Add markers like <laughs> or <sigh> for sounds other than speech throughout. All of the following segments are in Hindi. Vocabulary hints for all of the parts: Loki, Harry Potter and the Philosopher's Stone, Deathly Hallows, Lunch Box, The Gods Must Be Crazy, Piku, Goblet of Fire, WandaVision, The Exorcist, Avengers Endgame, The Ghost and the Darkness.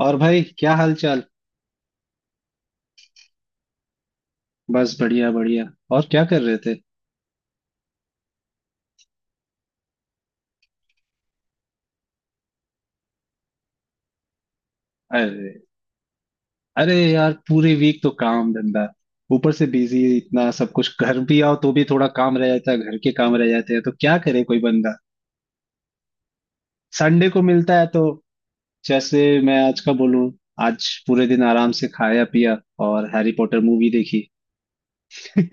और भाई, क्या हाल चाल। बस, बढ़िया बढ़िया। और क्या कर रहे थे। अरे, अरे यार, पूरे वीक तो काम धंधा। ऊपर से बिजी, इतना सब कुछ। घर भी आओ तो भी थोड़ा काम रह जाता है, घर के काम रह जाते हैं, तो क्या करे कोई बंदा। संडे को मिलता है तो, जैसे मैं आज का बोलूं, आज पूरे दिन आराम से खाया पिया और हैरी पॉटर मूवी देखी। <laughs>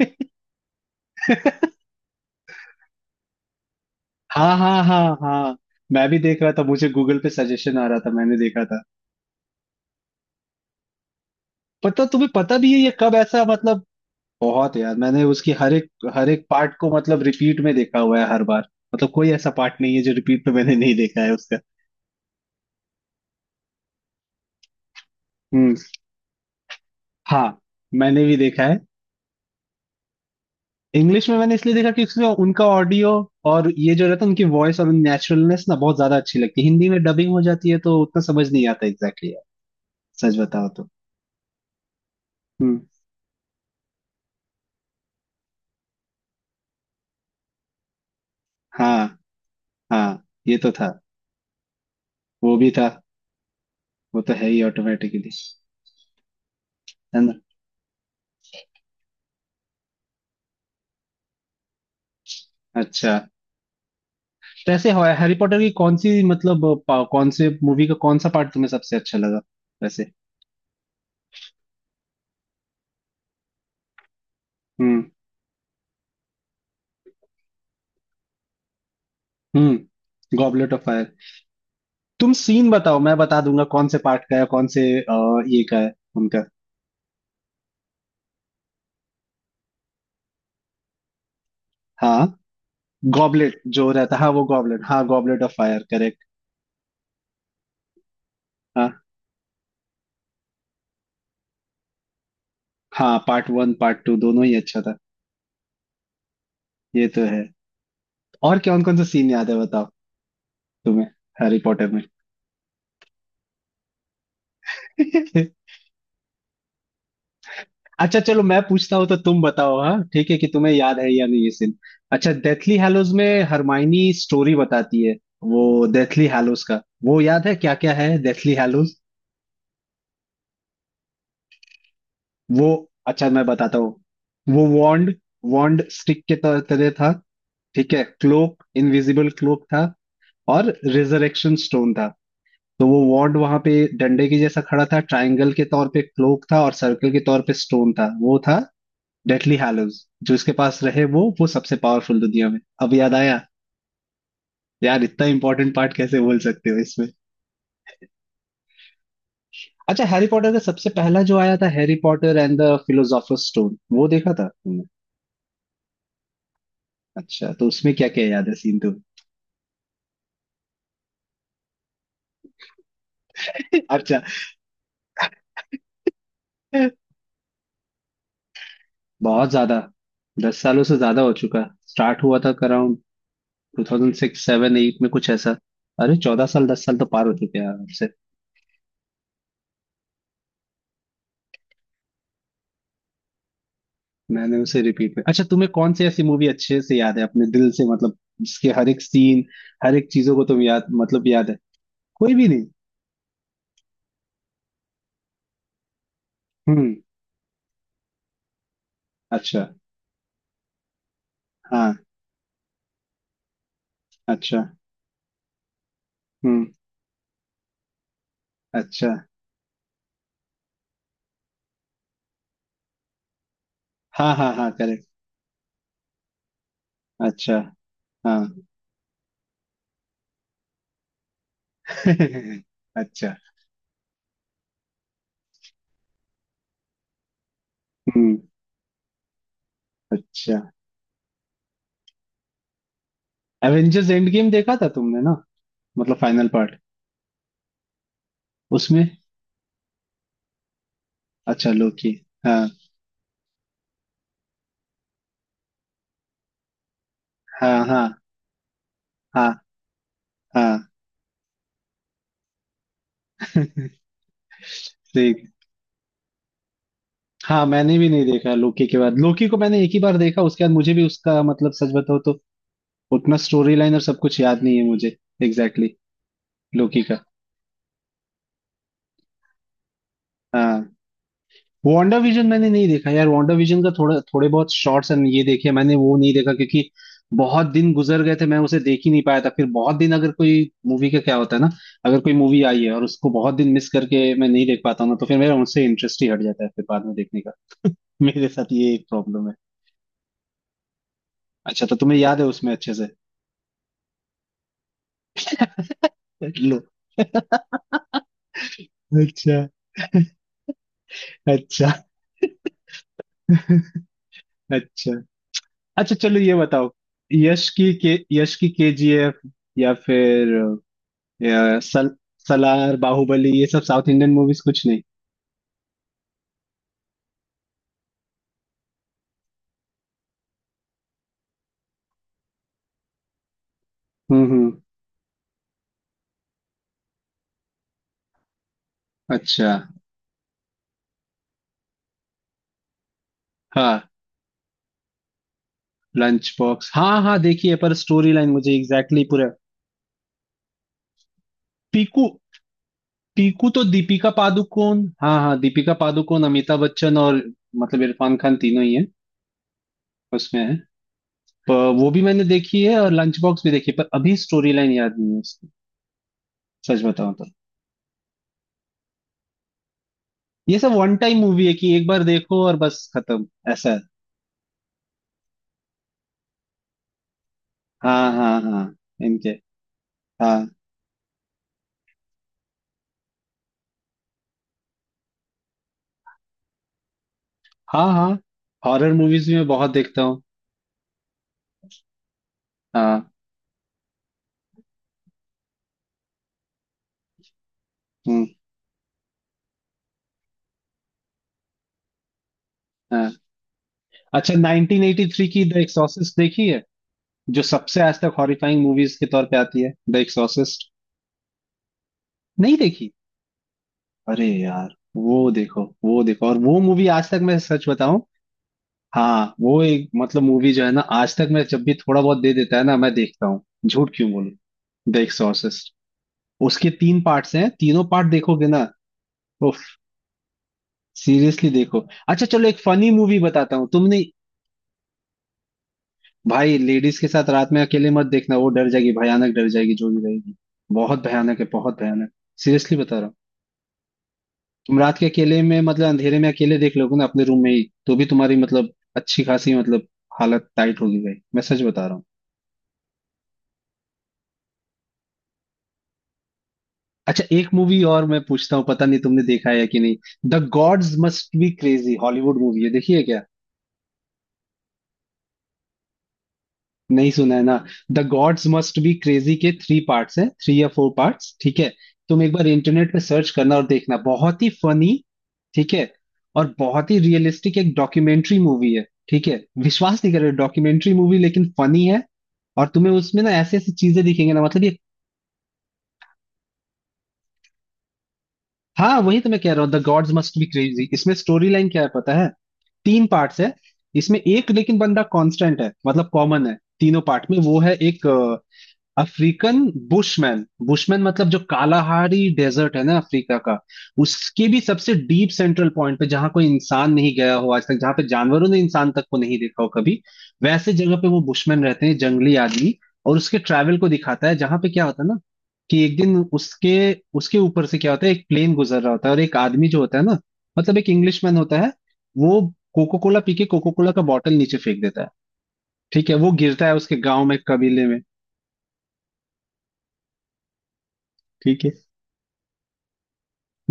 हाँ हाँ हाँ हाँ, मैं भी देख रहा था, मुझे गूगल पे सजेशन आ रहा था, मैंने देखा था। पता तुम्हें पता भी है ये कब, ऐसा मतलब। बहुत यार, मैंने उसकी हर एक पार्ट को, मतलब, रिपीट में देखा हुआ है हर बार। मतलब, कोई ऐसा पार्ट नहीं है जो रिपीट पे मैंने नहीं देखा है उसका। हम्म। हाँ, मैंने भी देखा है। इंग्लिश में मैंने इसलिए देखा कि उसमें उनका ऑडियो और ये जो रहता है, उनकी वॉइस और नेचुरलनेस ना बहुत ज्यादा अच्छी लगती है। हिंदी में डबिंग हो जाती है तो उतना समझ नहीं आता एग्जैक्टली यार, सच बताओ तो। हम्म। हाँ हाँ, ये तो था। वो भी था, वो तो है ही ऑटोमेटिकली, है ना। अच्छा, वैसे हैरी पॉटर की कौन सी, मतलब, कौन से मूवी का कौन सा पार्ट तुम्हें सबसे अच्छा लगा वैसे। हम्म। हम्म, गॉबलेट ऑफ फायर। तुम सीन बताओ, मैं बता दूंगा कौन से पार्ट का है, कौन से ये का है उनका। हाँ, गॉबलेट जो रहता है, हाँ वो गॉबलेट, हाँ गॉबलेट ऑफ फायर, करेक्ट। हाँ हाँ, पार्ट वन पार्ट टू दोनों ही अच्छा था। ये तो है। और कौन कौन सा सीन याद है बताओ, तुम्हें, हैरी पॉटर में। <laughs> अच्छा चलो, मैं पूछता हूँ तो तुम बताओ, हाँ ठीक है, कि तुम्हें याद है या नहीं ये सीन। अच्छा, डेथली हैलोज में हरमाइनी स्टोरी बताती है वो, डेथली हैलोज का वो याद है, क्या क्या है डेथली हैलोज, वो, अच्छा, मैं बताता हूँ। वो वॉन्ड वॉन्ड स्टिक के तरह था, ठीक है। क्लोक, इनविजिबल क्लोक था, और रिजरेक्शन स्टोन था। तो वो वॉन्ड वहां पे डंडे के जैसा खड़ा था, ट्रायंगल के तौर पे क्लोक था, और सर्कल के तौर पे स्टोन था। वो था डेथली हैलोज। जो इसके पास रहे, वो सबसे पावरफुल दुनिया में, अब याद आया। यार, इतना इंपॉर्टेंट पार्ट कैसे बोल सकते हो इसमें। अच्छा, हैरी पॉटर का सबसे पहला जो आया था Harry Potter and the Philosopher's Stone, वो देखा था तुमने। अच्छा, तो उसमें क्या क्या याद है सीन तो। <laughs> अच्छा, बहुत ज्यादा, 10 सालों से ज्यादा हो चुका। स्टार्ट हुआ था around two thousand six seven eight में, कुछ ऐसा। अरे 14 साल, 10 साल तो पार हो चुके हैं यार। मैंने उसे रिपीट में। अच्छा, तुम्हें कौन सी ऐसी मूवी अच्छे से याद है अपने दिल से, मतलब, जिसके हर एक सीन, हर एक चीजों को तुम याद, मतलब, याद है। कोई भी नहीं। हम्म। अच्छा। हाँ। अच्छा। हम्म। अच्छा। हाँ हाँ हाँ, करेक्ट। अच्छा। हाँ। <laughs> अच्छा। हम्म। अच्छा, एवेंजर्स एंड गेम देखा था तुमने ना, मतलब फाइनल पार्ट, उसमें। अच्छा, लोकी। हाँ हाँ हाँ हाँ हाँ। <laughs> ठीक। हाँ, मैंने भी नहीं देखा लोकी के बाद। लोकी को मैंने एक ही बार देखा, उसके बाद मुझे भी उसका, मतलब, सच बताओ तो उतना स्टोरी लाइन और सब कुछ याद नहीं है मुझे। एग्जैक्टली exactly, लोकी का। हाँ। वांडा विजन मैंने नहीं देखा यार। वांडा विजन का थोड़ा, थोड़े बहुत शॉर्ट्स एंड ये देखे मैंने। वो नहीं देखा क्योंकि बहुत दिन गुजर गए थे, मैं उसे देख ही नहीं पाया था। फिर बहुत दिन, अगर कोई मूवी का क्या होता है ना, अगर कोई मूवी आई है और उसको बहुत दिन मिस करके मैं नहीं देख पाता हूँ ना, तो फिर मेरा उनसे इंटरेस्ट ही हट जाता है फिर बाद में देखने का। मेरे साथ ये एक प्रॉब्लम है। अच्छा, तो तुम्हें याद है उसमें अच्छे से। लो। अच्छा। अच्छा। अच्छा। अच्छा चलो, ये बताओ, यश की के, यश की केजीएफ, या फिर, या सलार, बाहुबली, ये सब साउथ इंडियन मूवीज, कुछ नहीं। हम्म। अच्छा। हाँ, लंच बॉक्स, हाँ हाँ, देखिए, पर स्टोरी लाइन मुझे एग्जैक्टली exactly पूरा। पीकू। पीकू तो दीपिका पादुकोण, हाँ हाँ, दीपिका पादुकोण, अमिताभ बच्चन और, मतलब, इरफान खान तीनों ही है, उसमें है। प- वो भी मैंने देखी है और लंच बॉक्स भी देखी है, पर अभी स्टोरी लाइन याद नहीं है उसकी, सच बताऊं तो। ये सब वन टाइम मूवी है, कि एक बार देखो और बस खत्म, ऐसा है। हाँ हाँ हाँ। इनके। हाँ हाँ हाँ। हॉरर मूवीज भी मैं बहुत देखता हूँ। हाँ। हम्म। हाँ। अच्छा, 1983 की द एक्सॉर्सिस्ट देखी है, जो सबसे आज तक हॉरिफाइंग मूवीज के तौर पे आती है, द एक्सॉर्सिस्ट। नहीं देखी। अरे यार, वो देखो वो देखो, और वो मूवी आज तक, मैं सच बताऊं, हाँ, वो एक, मतलब, मूवी जो है ना, आज तक मैं जब भी थोड़ा बहुत दे देता है ना मैं देखता हूँ, झूठ क्यों बोलूं, द एक्सॉर्सिस्ट। उसके 3 पार्ट्स हैं, तीनों पार्ट देखोगे ना। उफ, सीरियसली देखो। अच्छा चलो, एक फनी मूवी बताता हूँ तुमने। भाई, लेडीज के साथ रात में अकेले मत देखना, वो डर जाएगी, भयानक डर जाएगी जो भी रहेगी। बहुत भयानक है, बहुत भयानक, सीरियसली बता रहा हूँ। तुम रात के अकेले में, मतलब, अंधेरे में अकेले देख लोगे ना, अपने रूम में ही, तो भी तुम्हारी, मतलब, अच्छी खासी, मतलब, हालत टाइट होगी भाई, मैं सच बता रहा हूँ। अच्छा, एक मूवी और मैं पूछता हूँ, पता नहीं तुमने देखा है कि नहीं, The Gods Must Be Crazy, Hollywood movie है, देखिए क्या। नहीं सुना है ना। The Gods Must Be Crazy के थ्री पार्ट्स हैं, थ्री या फोर पार्ट्स, ठीक है। तुम एक बार इंटरनेट पे सर्च करना और देखना, बहुत ही फनी, ठीक है। और बहुत ही रियलिस्टिक, एक डॉक्यूमेंट्री मूवी है, ठीक है, विश्वास नहीं कर रहे, डॉक्यूमेंट्री मूवी लेकिन फनी है। और तुम्हें उसमें ना ऐसी ऐसी चीजें दिखेंगे ना, मतलब ये। हाँ, वही तो मैं कह रहा हूँ The Gods Must Be Crazy. इसमें स्टोरी लाइन क्या है पता है, 3 पार्ट्स है। इसमें एक लेकिन बंदा कांस्टेंट है, मतलब कॉमन है, तीनों पार्ट में वो है, एक अफ्रीकन बुशमैन। बुशमैन मतलब जो कालाहारी डेजर्ट है ना अफ्रीका का, उसके भी सबसे डीप सेंट्रल पॉइंट पे, जहां कोई इंसान नहीं गया हो आज तक, जहां पे जानवरों ने इंसान तक को नहीं देखा हो कभी, वैसे जगह पे वो बुशमैन रहते हैं, जंगली आदमी। और उसके ट्रैवल को दिखाता है, जहां पे क्या होता है ना, कि एक दिन उसके उसके ऊपर से क्या होता है, एक प्लेन गुजर रहा होता है, और एक आदमी जो होता है ना, मतलब एक इंग्लिशमैन होता है, वो कोको कोला पी के कोको कोला का बॉटल नीचे फेंक देता है, ठीक है। वो गिरता है उसके गांव में, कबीले में, ठीक है।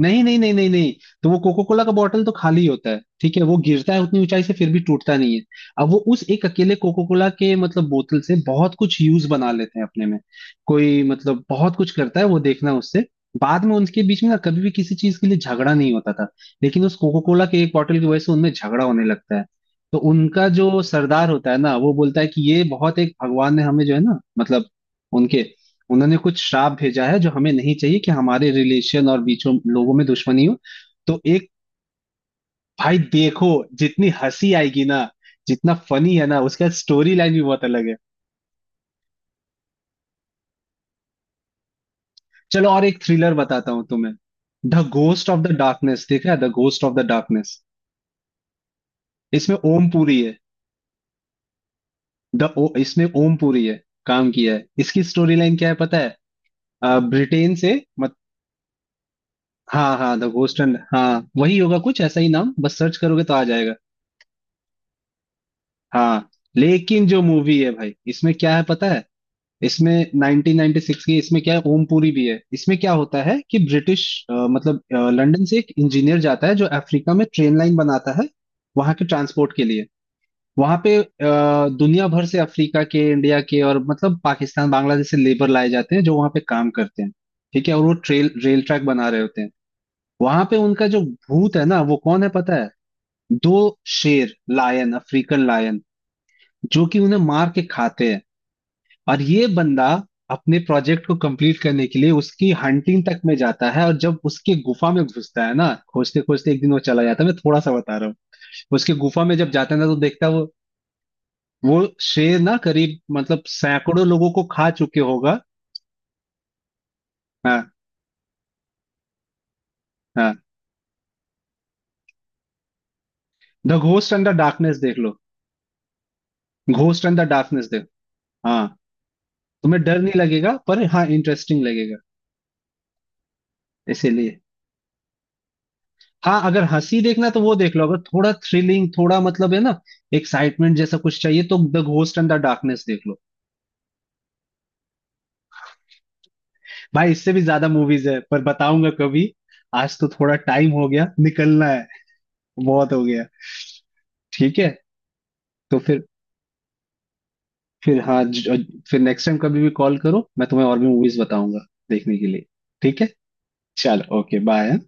नहीं नहीं नहीं नहीं नहीं। तो वो कोको कोला का बॉटल तो खाली होता है, ठीक है, वो गिरता है उतनी ऊंचाई से, फिर भी टूटता नहीं है। अब वो उस एक अकेले कोको कोला के, मतलब, बोतल से बहुत कुछ यूज बना लेते हैं अपने में। कोई, मतलब, बहुत कुछ करता है वो, देखना उससे। बाद में उनके बीच में ना कभी भी किसी चीज के लिए झगड़ा नहीं होता था, लेकिन उस कोको कोला के एक बॉटल की वजह से उनमें झगड़ा होने लगता है। तो उनका जो सरदार होता है ना वो बोलता है कि ये बहुत, एक भगवान ने हमें जो है ना, मतलब, उनके, उन्होंने कुछ श्राप भेजा है जो हमें नहीं चाहिए, कि हमारे रिलेशन और बीचों लोगों में दुश्मनी हो। तो एक, भाई देखो जितनी हंसी आएगी ना, जितना फनी है ना, उसका स्टोरी लाइन भी बहुत अलग है। चलो, और एक थ्रिलर बताता हूँ तुम्हें, The Ghost of the Darkness, देखा है The Ghost of the Darkness. इसमें ओम पुरी है, इसमें ओम पुरी है, काम किया है। इसकी स्टोरी लाइन क्या है पता है, ब्रिटेन से, मत हाँ हाँ, द घोस्ट एंड, हाँ वही होगा, कुछ ऐसा ही नाम, बस सर्च करोगे तो आ जाएगा। हाँ, लेकिन जो मूवी है भाई, इसमें क्या है पता है, इसमें 1996 की, इसमें क्या है, ओमपुरी भी है। इसमें क्या होता है कि ब्रिटिश, मतलब, लंदन से एक इंजीनियर जाता है जो अफ्रीका में ट्रेन लाइन बनाता है, वहां के ट्रांसपोर्ट के लिए। वहां पे दुनिया भर से अफ्रीका के, इंडिया के, और मतलब पाकिस्तान, बांग्लादेश से लेबर लाए जाते हैं जो वहां पे काम करते हैं, ठीक है। और वो ट्रेल रेल ट्रैक बना रहे होते हैं। वहां पे उनका जो भूत है ना वो कौन है पता है, 2 शेर, लायन, अफ्रीकन लायन, जो कि उन्हें मार के खाते हैं। और ये बंदा अपने प्रोजेक्ट को कंप्लीट करने के लिए उसकी हंटिंग तक में जाता है, और जब उसके गुफा में घुसता है ना, खोजते खोजते एक दिन वो चला जाता है, मैं थोड़ा सा बता रहा हूँ, उसके गुफा में जब जाता है ना तो देखता है वो शेर ना करीब, मतलब, सैकड़ों लोगों को खा चुके होगा। हाँ हाँ, द घोस्ट अंडर डार्कनेस देख लो, घोस्ट अंडर डार्कनेस देख। हाँ, तुम्हें डर नहीं लगेगा, पर हाँ, इंटरेस्टिंग लगेगा, इसीलिए। हाँ, अगर हंसी देखना है तो वो देख लो, अगर थोड़ा थ्रिलिंग, थोड़ा मतलब है ना, एक्साइटमेंट जैसा कुछ चाहिए तो The Ghost and the Darkness देख लो। भाई इससे भी ज्यादा मूवीज है, पर बताऊंगा कभी। आज तो थोड़ा टाइम हो गया, निकलना है, बहुत हो गया, ठीक है। तो फिर हाँ, फिर नेक्स्ट टाइम कभी भी कॉल करो, मैं तुम्हें और भी मूवीज बताऊंगा देखने के लिए, ठीक है। चलो, ओके बाय।